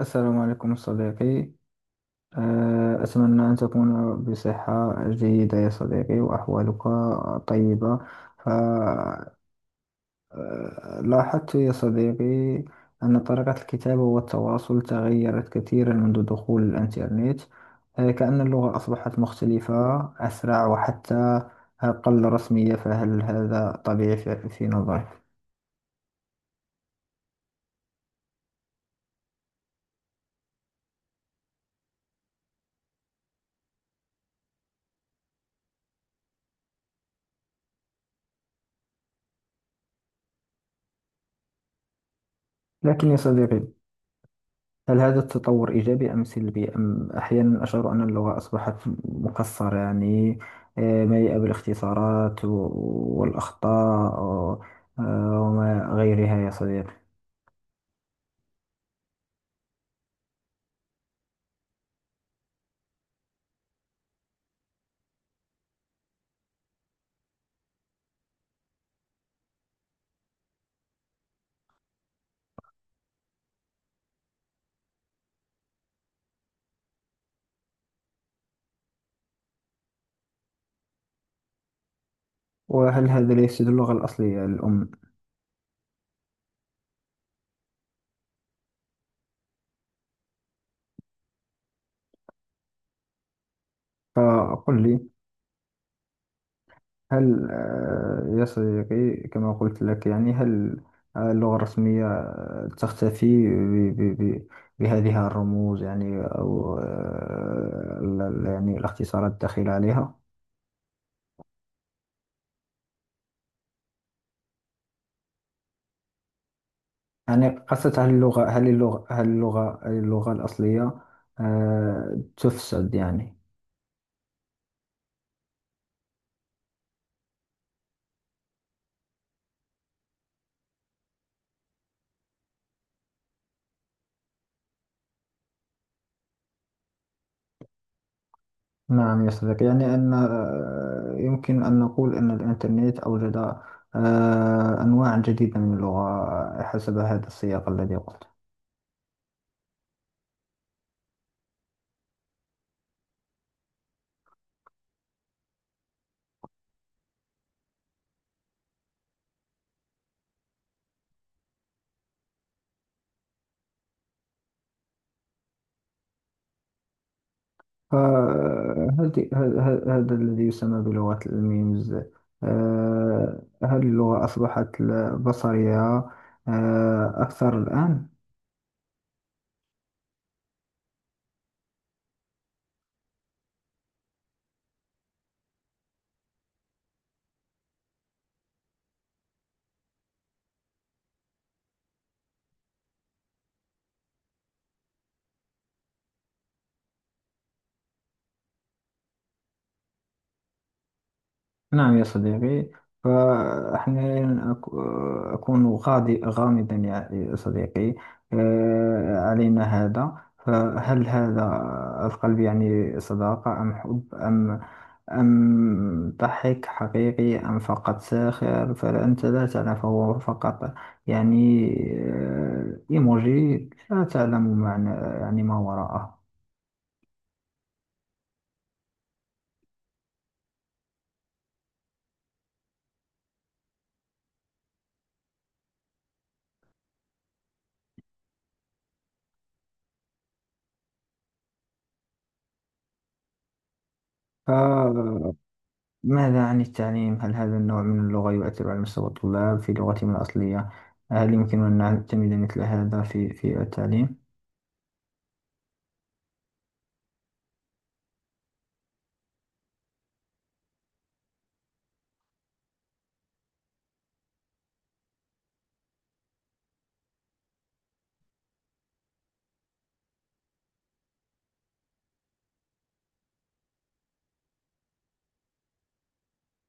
السلام عليكم صديقي. أتمنى أن تكون بصحة جيدة يا صديقي وأحوالك طيبة. فلاحظت يا صديقي أن طريقة الكتابة والتواصل تغيرت كثيرا منذ دخول الإنترنت. كأن اللغة أصبحت مختلفة، أسرع، وحتى أقل رسمية. فهل هذا طبيعي في نظرك؟ لكن يا صديقي، هل هذا التطور إيجابي أم سلبي؟ أم أحيانا أشعر أن اللغة أصبحت مكسرة، يعني مليئة بالاختصارات والأخطاء وما غيرها يا صديقي. وهل هذا لا يفسد اللغة الأصلية الأم؟ فقل لي، هل يا صديقي، كما قلت لك يعني، هل اللغة الرسمية تختفي بهذه الرموز؟ يعني أو يعني الاختصارات الداخلة عليها. يعني قصة، هل اللغة، هل اللغة الأصلية تفسد، يعني؟ نعم يا صديقي، يعني أن يمكن أن نقول أن الإنترنت أوجد أنواع جديدة من اللغة حسب هذا السياق الذي قلت. فهذه هذا الذي يسمى بلغة الميمز. هل اللغة أصبحت بصرية أكثر الآن؟ نعم يا صديقي. فأحيانا أكون غادي غامضا يا صديقي علينا هذا. فهل هذا القلب يعني صداقة أم حب أم أم ضحك حقيقي أم فقط ساخر؟ فأنت لا تعلم، فهو فقط يعني إيموجي، لا تعلم معنى يعني ما وراءه. ماذا عن التعليم؟ هل هذا النوع من اللغة يؤثر على مستوى الطلاب في لغتهم الأصلية؟ هل يمكننا أن نعتمد مثل هذا في التعليم؟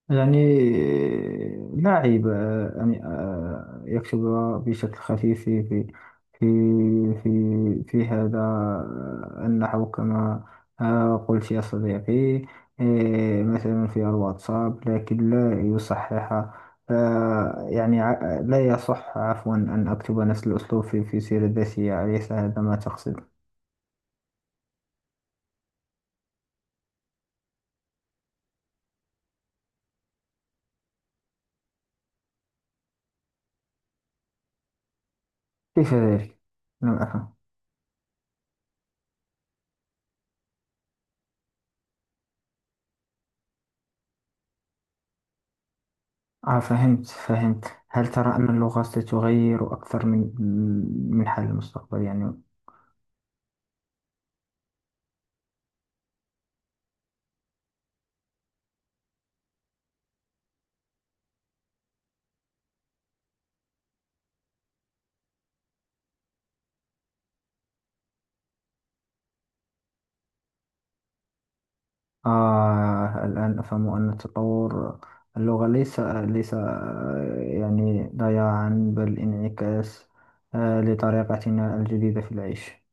يعني لا عيب أن يكتب بشكل خفيف في في هذا النحو، كما قلت يا صديقي. مثلا في الواتساب. لكن لا يصحح، لا يصح عفوا، أن أكتب نفس الأسلوب في سيرة ذاتية. أليس هذا ما تقصد؟ كيف ذلك؟ لم أفهم. فهمت فهمت. هل ترى أن اللغة ستغير أكثر من من حال المستقبل، يعني؟ الآن أفهم أن تطور اللغة ليس ليس آه، يعني ضياعا، بل انعكاس لطريقتنا الجديدة في العيش.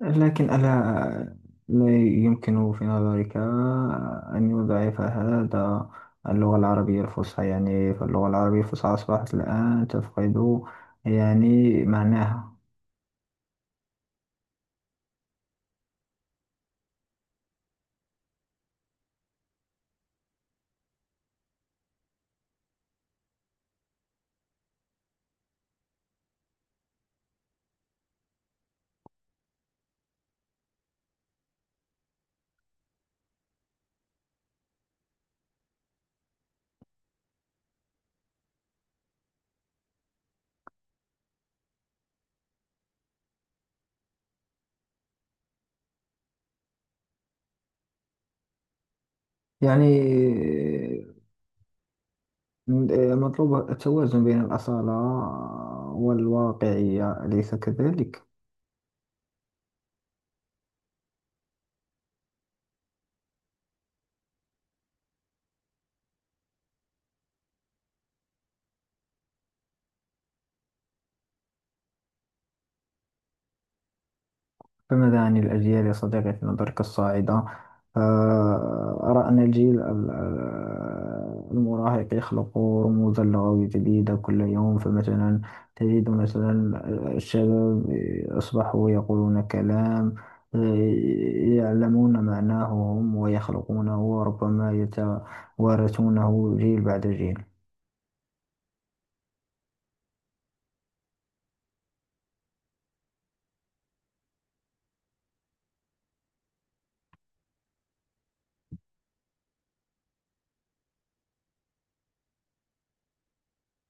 لكن ألا آه، لا يمكن في نظرك أن يضعف هذا اللغة العربية الفصحى؟ يعني فاللغة العربية الفصحى أصبحت الآن تفقد يعني معناها. يعني مطلوب التوازن بين الأصالة والواقعية، أليس كذلك؟ فماذا عن الأجيال يا صديقي في نظرك الصاعدة؟ أرى أن الجيل المراهق يخلق رموزا لغوية جديدة كل يوم. فمثلا تجد مثلا الشباب أصبحوا يقولون كلام آه، يعلمون معناه هم ويخلقونه وربما يتوارثونه جيل بعد جيل.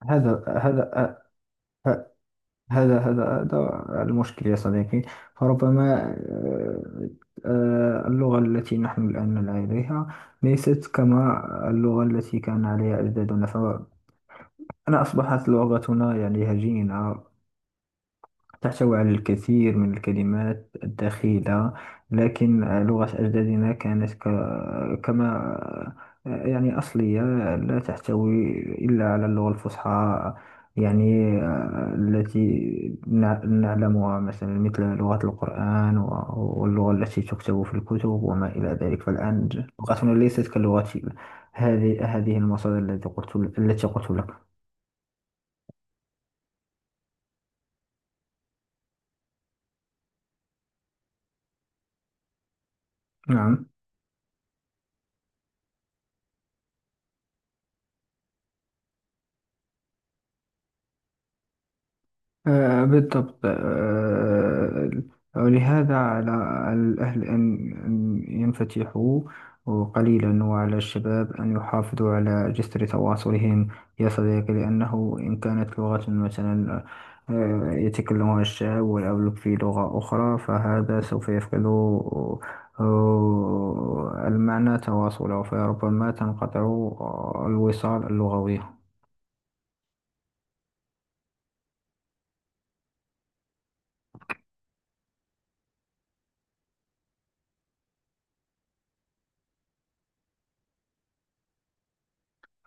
هذا هذا هذا هذا هذا المشكل يا صديقي. فربما آه، اللغة التي نحن الآن لديها ليست كما اللغة التي كان عليها أجدادنا. فأنا أصبحت لغتنا يعني هجينة، تحتوي على الكثير من الكلمات الدخيلة. لكن لغة أجدادنا كانت كما يعني أصلية، لا تحتوي إلا على اللغة الفصحى، يعني التي نعلمها، مثلا مثل لغة القرآن واللغة التي تكتب في الكتب وما إلى ذلك. فالآن لغتنا ليست كلغة هذه المصادر التي قلت التي قلت لك. نعم بالضبط. ولهذا على الأهل أن ينفتحوا قليلا، وعلى الشباب أن يحافظوا على جسر تواصلهم يا صديقي. لأنه إن كانت لغة مثلا يتكلمها الشاب والأولوك في لغة أخرى، فهذا سوف يفقد المعنى تواصله، فربما تنقطع الوصال اللغوي.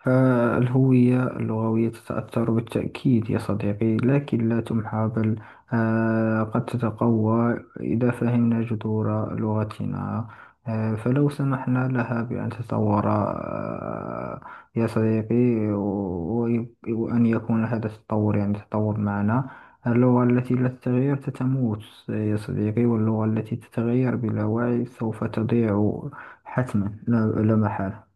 فالهوية اللغوية تتأثر بالتأكيد يا صديقي، لكن لا تمحى، بل قد تتقوى إذا فهمنا جذور لغتنا. فلو سمحنا لها بأن تتطور يا صديقي، وأن يكون هذا التطور يعني تطور معنا. اللغة التي لا تتغير تتموت يا صديقي، واللغة التي تتغير بلا وعي سوف تضيع حتما لا محالة.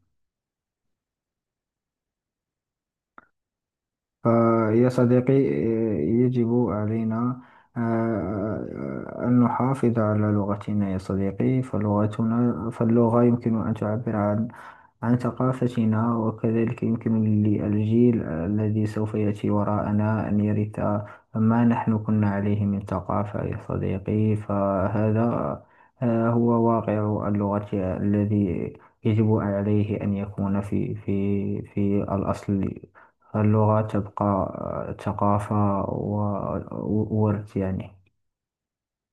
فيا صديقي يجب علينا أن نحافظ على لغتنا يا صديقي. فاللغة يمكن أن تعبر عن عن ثقافتنا، وكذلك يمكن للجيل الذي سوف يأتي وراءنا أن يرث ما نحن كنا عليه من ثقافة يا صديقي. فهذا هو واقع اللغة الذي يجب عليه أن يكون في الأصل. اللغة تبقى ثقافة وورث، يعني